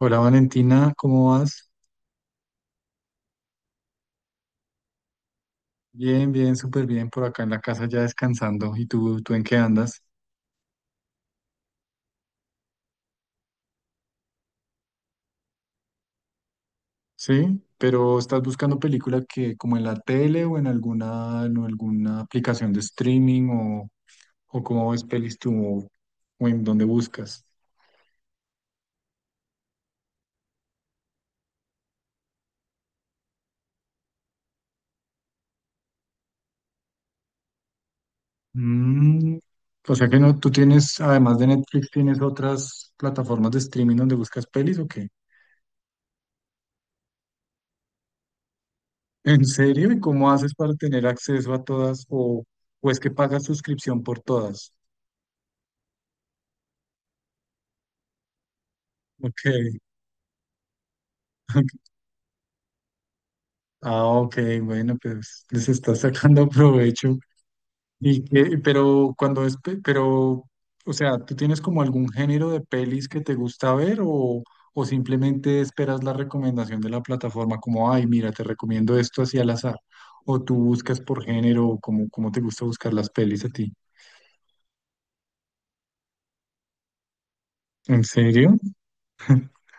Hola Valentina, ¿cómo vas? Bien, bien, súper bien por acá en la casa ya descansando. ¿Y tú en qué andas? Sí, pero ¿estás buscando película que como en la tele o en alguna aplicación de streaming o cómo ves pelis tú o en dónde buscas? Mm, o sea que no, tú tienes, además de Netflix, ¿tienes otras plataformas de streaming donde buscas pelis o qué? ¿En serio? ¿Y cómo haces para tener acceso a todas o es que pagas suscripción por todas? Ok. Ah, ok, bueno, pues les está sacando provecho. Y que, pero cuando es, pero, o sea, ¿tú tienes como algún género de pelis que te gusta ver o simplemente esperas la recomendación de la plataforma como, ay, mira, te recomiendo esto así al azar? ¿O tú buscas por género o cómo te gusta buscar las pelis a ti? ¿En serio?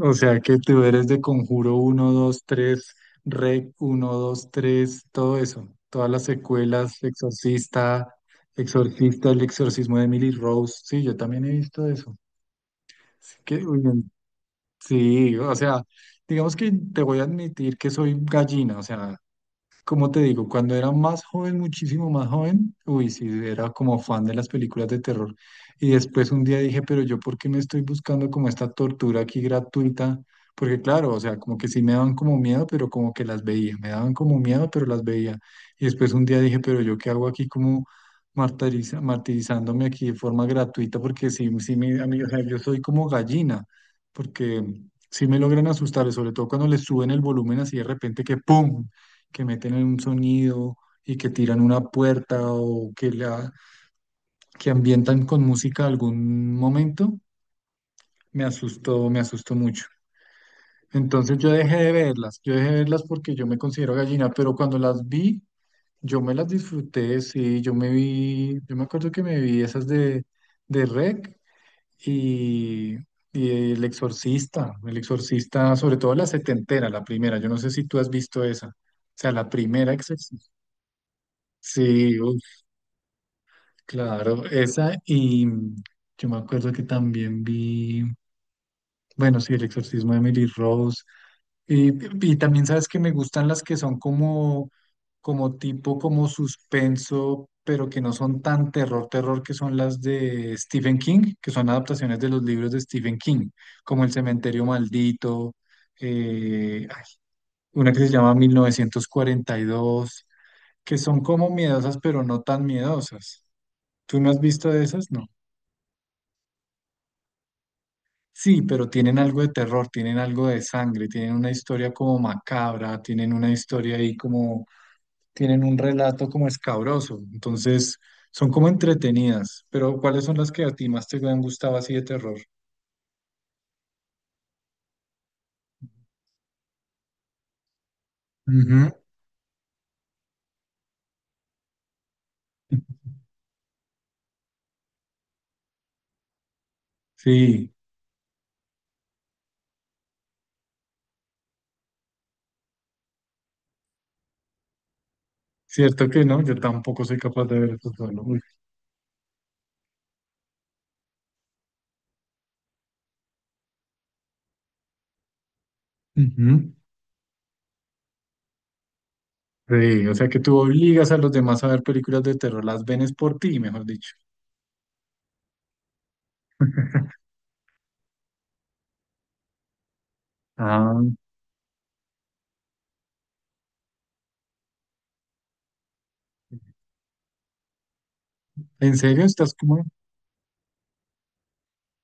O sea que tú eres de Conjuro uno 2 3 Rec uno 2 3 todo eso. Todas las secuelas, Exorcista, Exorcista, el exorcismo de Emily Rose. Sí, yo también he visto eso. Así que, uy, sí, o sea, digamos que te voy a admitir que soy gallina, o sea, como te digo, cuando era más joven, muchísimo más joven, uy, sí, era como fan de las películas de terror. Y después un día dije, pero yo, ¿por qué me estoy buscando como esta tortura aquí gratuita? Porque claro, o sea, como que sí me daban como miedo, pero como que las veía. Me daban como miedo, pero las veía. Y después un día dije, pero yo, ¿qué hago aquí como martirizándome aquí de forma gratuita? Porque sí, sí, me, a mí, o sea, yo soy como gallina, porque sí me logran asustar, sobre todo cuando les suben el volumen así de repente que ¡pum! Que meten en un sonido y que tiran una puerta o que la que ambientan con música algún momento, me asustó mucho. Entonces yo dejé de verlas, yo dejé de verlas porque yo me considero gallina, pero cuando las vi, yo me las disfruté, sí, yo me vi, yo me acuerdo que me vi esas de REC y, y El Exorcista, El Exorcista, sobre todo la setentera, la primera, yo no sé si tú has visto esa, o sea, la primera Exorcista. Sí, claro, esa y yo me acuerdo que también vi, bueno, sí, El exorcismo de Emily Rose. Y, y también sabes que me gustan las que son como, como tipo, como suspenso, pero que no son tan terror, terror, que son las de Stephen King, que son adaptaciones de los libros de Stephen King, como El cementerio maldito, eh, ay, una que se llama 1942, que son como miedosas, pero no tan miedosas. ¿Tú no has visto de esas? No. Sí, pero tienen algo de terror, tienen algo de sangre, tienen una historia como macabra, tienen una historia ahí como, tienen un relato como escabroso. Entonces, son como entretenidas. Pero, ¿cuáles son las que a ti más te han gustado así de terror? Ujú. Sí, cierto que no, yo tampoco soy capaz de ver eso solo. Uy. Ujú. Sí, o sea que tú obligas a los demás a ver películas de terror, las ven es por ti, mejor dicho. Ah. ¿En serio? ¿Estás como?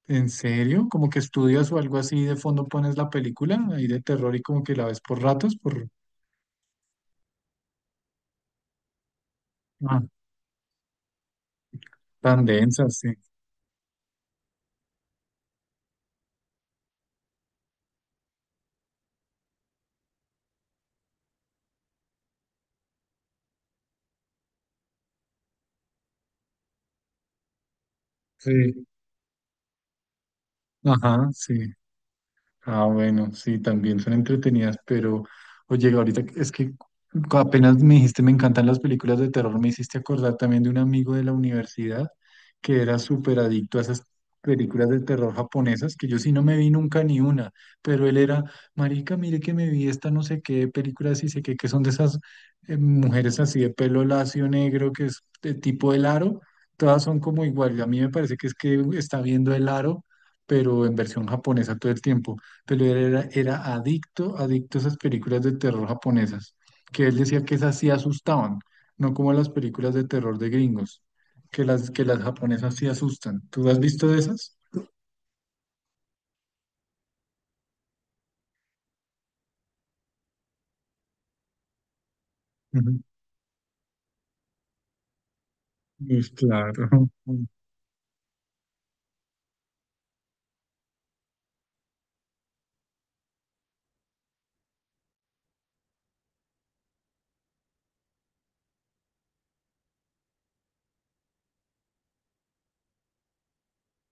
¿En serio? ¿Como que estudias o algo así y de fondo pones la película ahí de terror y como que la ves por ratos, por ah, tan densa, sí. Sí. Ajá, sí. Ah, bueno, sí, también son entretenidas, pero oye, ahorita es que apenas me dijiste, me encantan las películas de terror, me hiciste acordar también de un amigo de la universidad que era súper adicto a esas películas de terror japonesas, que yo sí no me vi nunca ni una, pero él era, marica, mire que me vi esta no sé qué películas y sé qué, que son de esas mujeres así de pelo lacio negro, que es de tipo el aro, todas son como igual, y a mí me parece que es que está viendo el aro, pero en versión japonesa todo el tiempo pero él era, era adicto, adicto a esas películas de terror japonesas, que él decía que esas sí asustaban, no como las películas de terror de gringos, que las japonesas sí asustan. ¿Tú has visto de esas? Ujú. Pues claro.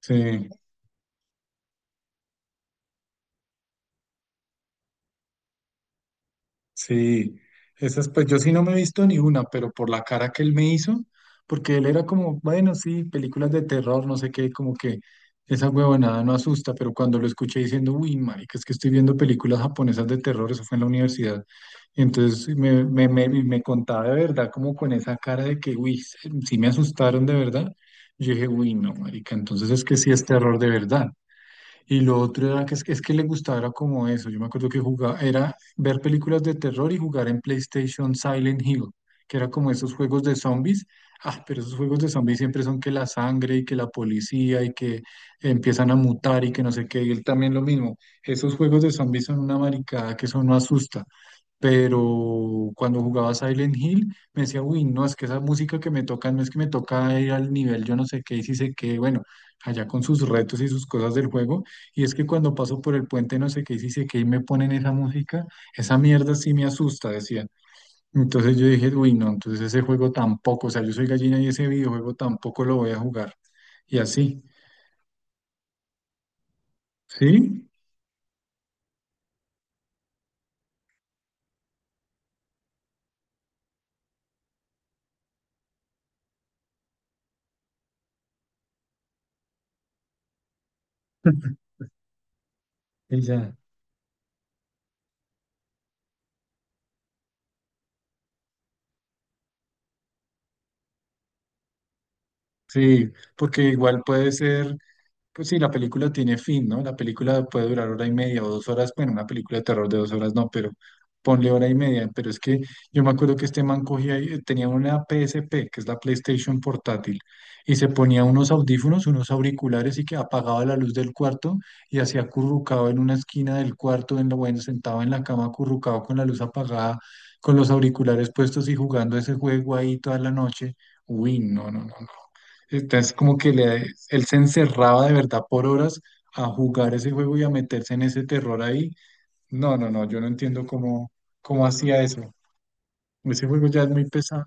Sí. Sí, esas pues yo sí no me he visto ni una, pero por la cara que él me hizo, porque él era como, bueno, sí, películas de terror, no sé qué, como que esa huevonada no asusta, pero cuando lo escuché diciendo, uy, marica, es que estoy viendo películas japonesas de terror, eso fue en la universidad, y entonces me contaba de verdad, como con esa cara de que, uy, sí sí me asustaron de verdad, yo dije, uy, no, marica, entonces es que sí es terror de verdad. Y lo otro era que es que le gustaba era como eso. Yo me acuerdo que jugaba, era ver películas de terror y jugar en PlayStation Silent Hill, que era como esos juegos de zombies. Ah, pero esos juegos de zombies siempre son que la sangre y que la policía y que empiezan a mutar y que no sé qué. Y él también lo mismo. Esos juegos de zombies son una maricada que eso no asusta pero cuando jugaba Silent Hill me decía, uy, no, es que esa música que me toca, no es que me toca ir al nivel, yo no sé qué, y si sé qué, bueno, allá con sus retos y sus cosas del juego, y es que cuando paso por el puente, no sé qué, y si sé qué, y me ponen esa música, esa mierda sí me asusta, decía. Entonces yo dije, uy, no, entonces ese juego tampoco, o sea, yo soy gallina y ese videojuego tampoco lo voy a jugar. Y así, ¿sí? Y ya. Sí, porque igual puede ser. Pues sí, la película tiene fin, ¿no? La película puede durar hora y media o dos horas. Bueno, una película de terror de dos horas no, pero ponle hora y media. Pero es que yo me acuerdo que este man cogía, tenía una PSP, que es la PlayStation portátil, y se ponía unos audífonos, unos auriculares y que apagaba la luz del cuarto y hacía acurrucado en una esquina del cuarto, en lo bueno, sentado en la cama acurrucado con la luz apagada, con los auriculares puestos y jugando ese juego ahí toda la noche. Uy, no, no, no, entonces, como que él se encerraba de verdad por horas a jugar ese juego y a meterse en ese terror ahí. No, no, no, yo no entiendo cómo, cómo hacía eso. Ese juego ya es muy pesado.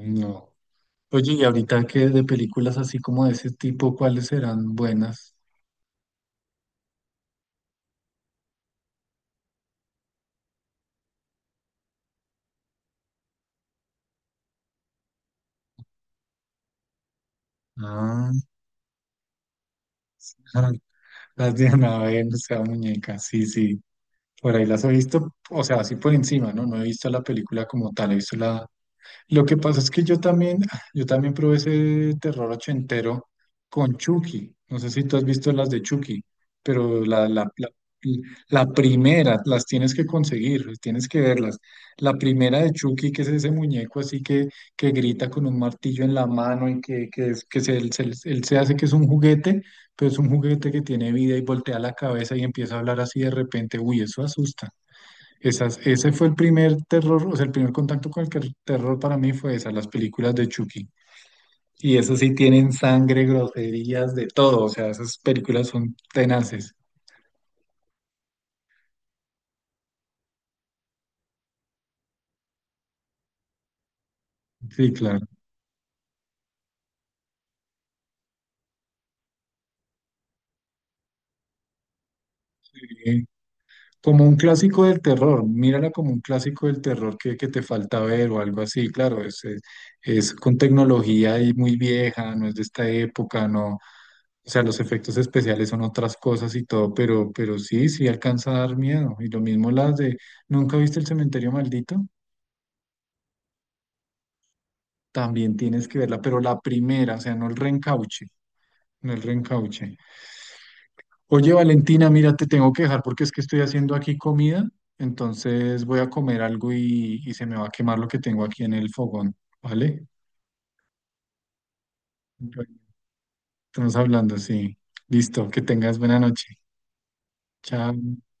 No. Oye, y ahorita que de películas así como de ese tipo, ¿cuáles serán buenas? Ah, las de Anabel, o sea, muñeca, sí, sí. Por ahí las he visto, o sea, así por encima, ¿no? No he visto la película como tal, he visto la, lo que pasa es que yo también probé ese terror ochentero con Chucky. No sé si tú has visto las de Chucky, pero la primera, las tienes que conseguir, tienes que verlas. La primera de Chucky, que es ese muñeco así que grita con un martillo en la mano y que, que se, él, se, él se hace que es un juguete, pero es un juguete que tiene vida y voltea la cabeza y empieza a hablar así de repente. Uy, eso asusta. Esas, ese fue el primer terror, o sea, el primer contacto con el terror para mí fue esas, las películas de Chucky. Y esas sí tienen sangre, groserías, de todo, o sea, esas películas son tenaces. Sí, claro. Eh, como un clásico del terror, mírala como un clásico del terror que te falta ver o algo así, claro, es con tecnología y muy vieja, no es de esta época, no, o sea, los efectos especiales son otras cosas y todo, pero sí, sí alcanza a dar miedo. Y lo mismo las de, ¿nunca viste el cementerio maldito? También tienes que verla, pero la primera, o sea, no el reencauche, no el reencauche. Oye, Valentina, mira, te tengo que dejar porque es que estoy haciendo aquí comida, entonces voy a comer algo y se me va a quemar lo que tengo aquí en el fogón, ¿vale? Estamos hablando, sí. Listo, que tengas buena noche. Chao.